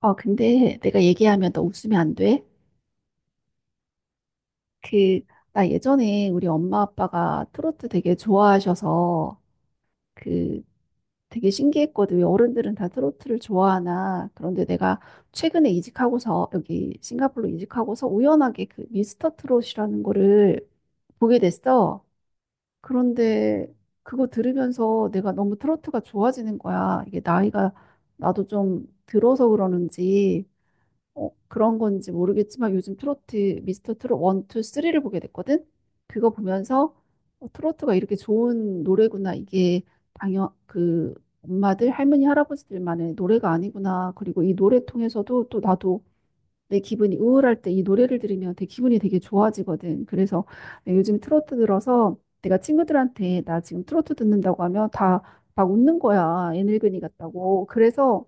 아, 근데 내가 얘기하면 너 웃으면 안 돼? 그, 나 예전에 우리 엄마 아빠가 트로트 되게 좋아하셔서 그 되게 신기했거든. 왜 어른들은 다 트로트를 좋아하나. 그런데 내가 최근에 이직하고서 여기 싱가포르로 이직하고서 우연하게 그 미스터 트롯이라는 거를 보게 됐어. 그런데 그거 들으면서 내가 너무 트로트가 좋아지는 거야. 이게 나이가 나도 좀 들어서 그러는지 그런 건지 모르겠지만 요즘 트로트 미스터 트롯 1, 2, 3를 보게 됐거든. 그거 보면서 트로트가 이렇게 좋은 노래구나. 이게 당연 엄마들, 할머니, 할아버지들만의 노래가 아니구나. 그리고 이 노래 통해서도 또 나도 내 기분이 우울할 때 이 노래를 들으면 되게 기분이 되게 좋아지거든. 그래서 내가 요즘 트로트 들어서 내가 친구들한테 나 지금 트로트 듣는다고 하면 다 막 웃는 거야. 애늙은이 같다고. 그래서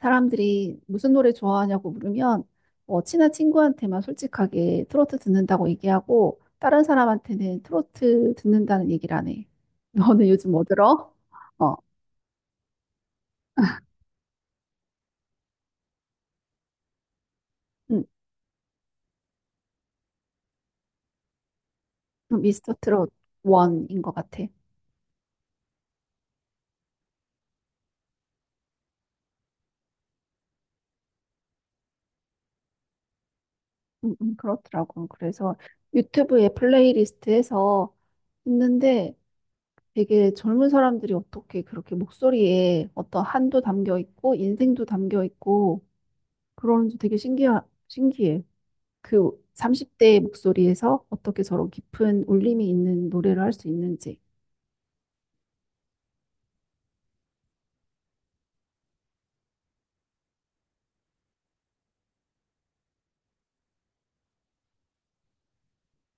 사람들이 무슨 노래 좋아하냐고 물으면 친한 친구한테만 솔직하게 트로트 듣는다고 얘기하고 다른 사람한테는 트로트 듣는다는 얘기를 안 해. 너는 요즘 뭐 들어? 어, 음, 미스터 트롯 원인 것 같아. 그렇더라고. 그래서 유튜브에 플레이리스트에서 있는데 되게 젊은 사람들이 어떻게 그렇게 목소리에 어떤 한도 담겨 있고 인생도 담겨 있고 그러는지 되게 신기해. 그 30대의 목소리에서 어떻게 저런 깊은 울림이 있는 노래를 할 수 있는지.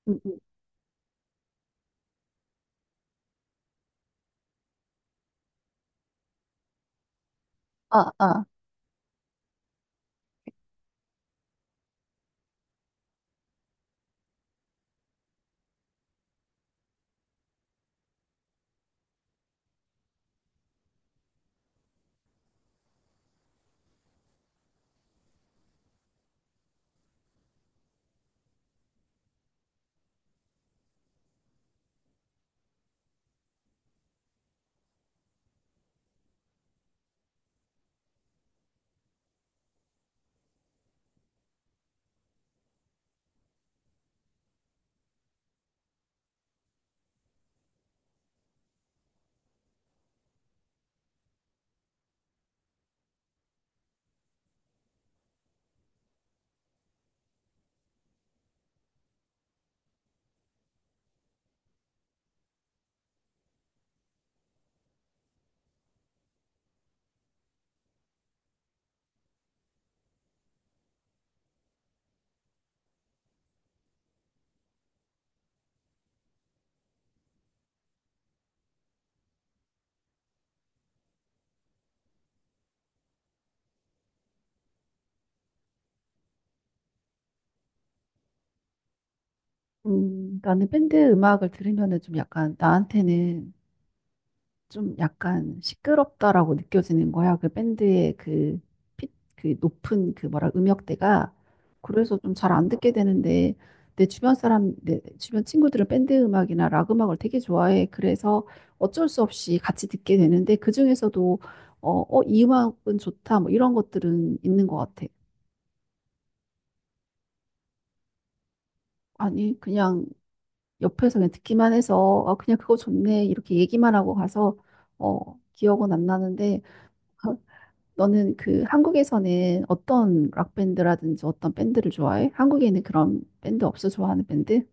음, 음. 아, 아. 나는 밴드 음악을 들으면은 좀 약간 나한테는 좀 약간 시끄럽다라고 느껴지는 거야. 그 밴드의 피, 그 높은 그 뭐라 음역대가. 그래서 좀 잘 안 듣게 되는데 내 주변 친구들은 밴드 음악이나 락 음악을 되게 좋아해. 그래서 어쩔 수 없이 같이 듣게 되는데 그중에서도 어, 이 음악은 좋다. 뭐 이런 것들은 있는 것 같아. 아니, 그냥 옆에서 그냥 듣기만 해서 아, 그냥 그거 좋네. 이렇게 얘기만 하고 가서 기억은 안 나는데 너는 한국에서는 어떤 락밴드라든지 어떤 밴드를 좋아해? 한국에는 그런 밴드 없어 좋아하는 밴드?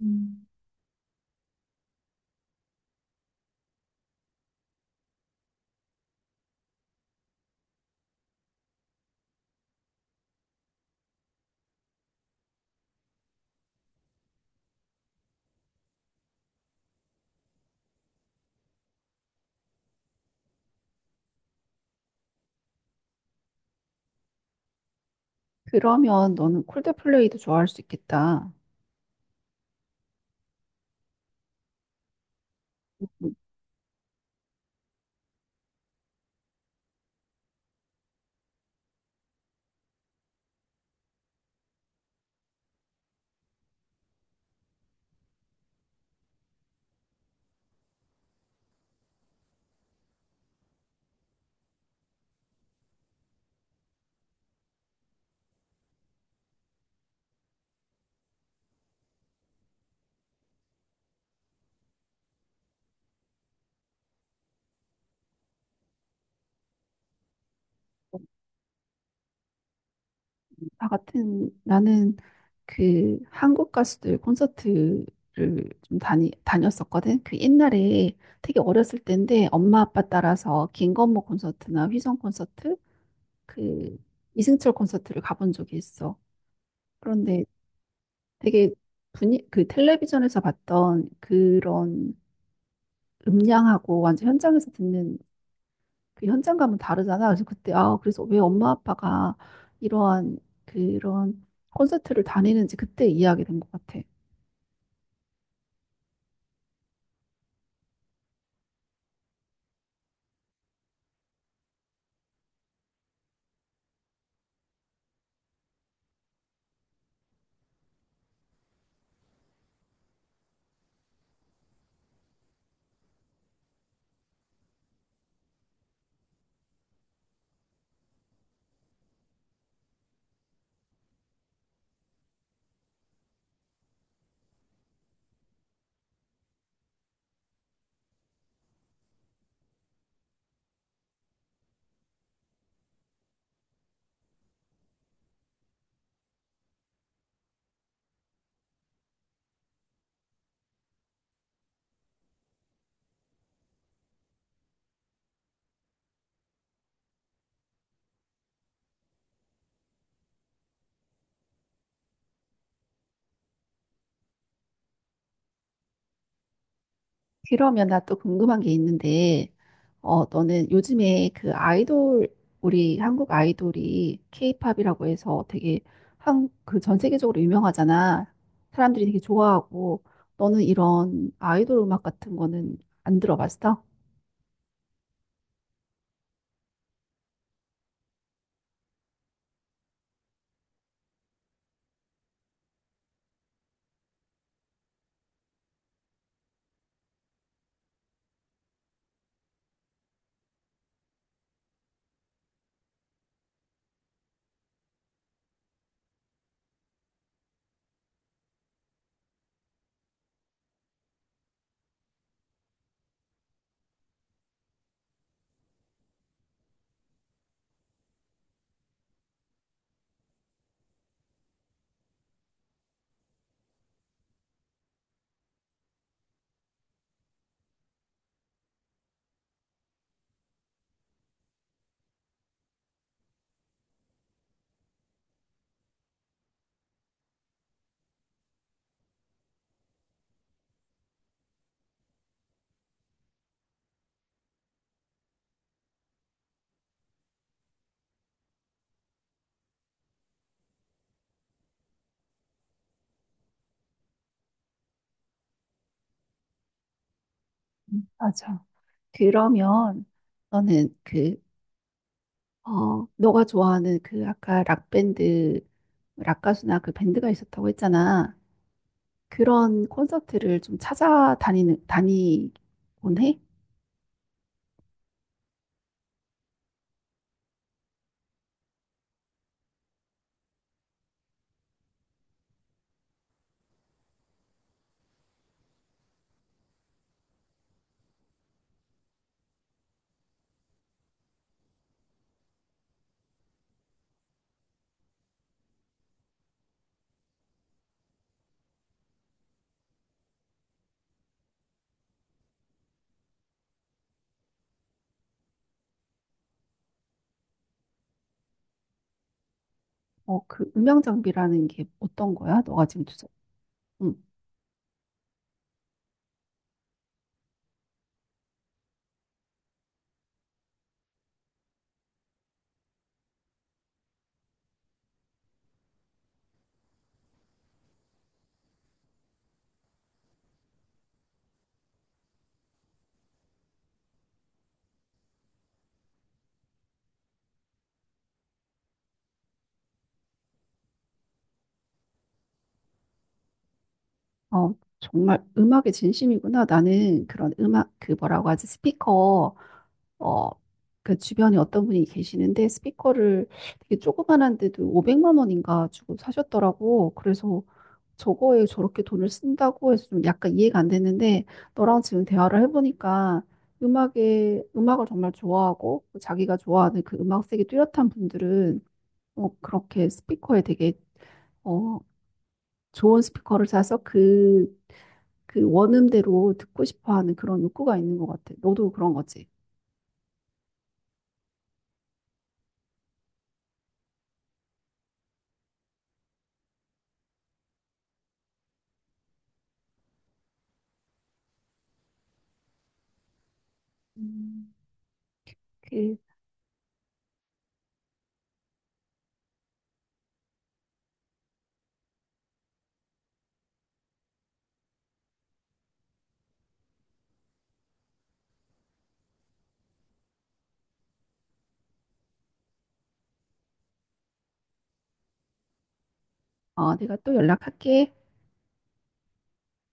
음. 그러면 너는 콜드플레이도 좋아할 수 있겠다. 음, 나 같은 나는 그 한국 가수들 콘서트를 좀 다니 다녔었거든. 그 옛날에 되게 어렸을 때인데 엄마 아빠 따라서 김건모 콘서트나 휘성 콘서트, 그 이승철 콘서트를 가본 적이 있어. 그런데 되게 분위 그 텔레비전에서 봤던 그런 음량하고 완전 현장에서 듣는 그 현장감은 다르잖아. 그래서 그때 아 그래서 왜 엄마 아빠가 이러한 그런 콘서트를 다니는지 그때 이해하게 된 것 같아. 그러면 나 또 궁금한 게 있는데, 너는 요즘에 그 아이돌, 우리 한국 아이돌이 케이팝이라고 해서 되게 한, 그 전 세계적으로 유명하잖아. 사람들이 되게 좋아하고, 너는 이런 아이돌 음악 같은 거는 안 들어봤어? 맞아. 그러면 너는 너가 좋아하는 그 아까 락밴드, 락가수나 그 밴드가 있었다고 했잖아. 그런 콘서트를 좀 다니곤 해? 그 음향 장비라는 게 어떤 거야? 너가 지금 주제. 응. 어, 정말 음악에 진심이구나. 나는 그런 음악, 그 뭐라고 하지? 스피커 어, 그 주변에 어떤 분이 계시는데 스피커를 되게 조그만한데도 500만 원인가 주고 사셨더라고. 그래서 저거에 저렇게 돈을 쓴다고 해서 좀 약간 이해가 안 됐는데 너랑 지금 대화를 해보니까 음악에 음악을 정말 좋아하고 자기가 좋아하는 그 음악색이 뚜렷한 분들은 그렇게 스피커에 되게 어, 좋은 스피커를 사서 그 원음대로 듣고 싶어 하는 그런 욕구가 있는 것 같아. 너도 그런 거지. 음, 그 내가 또 연락할게.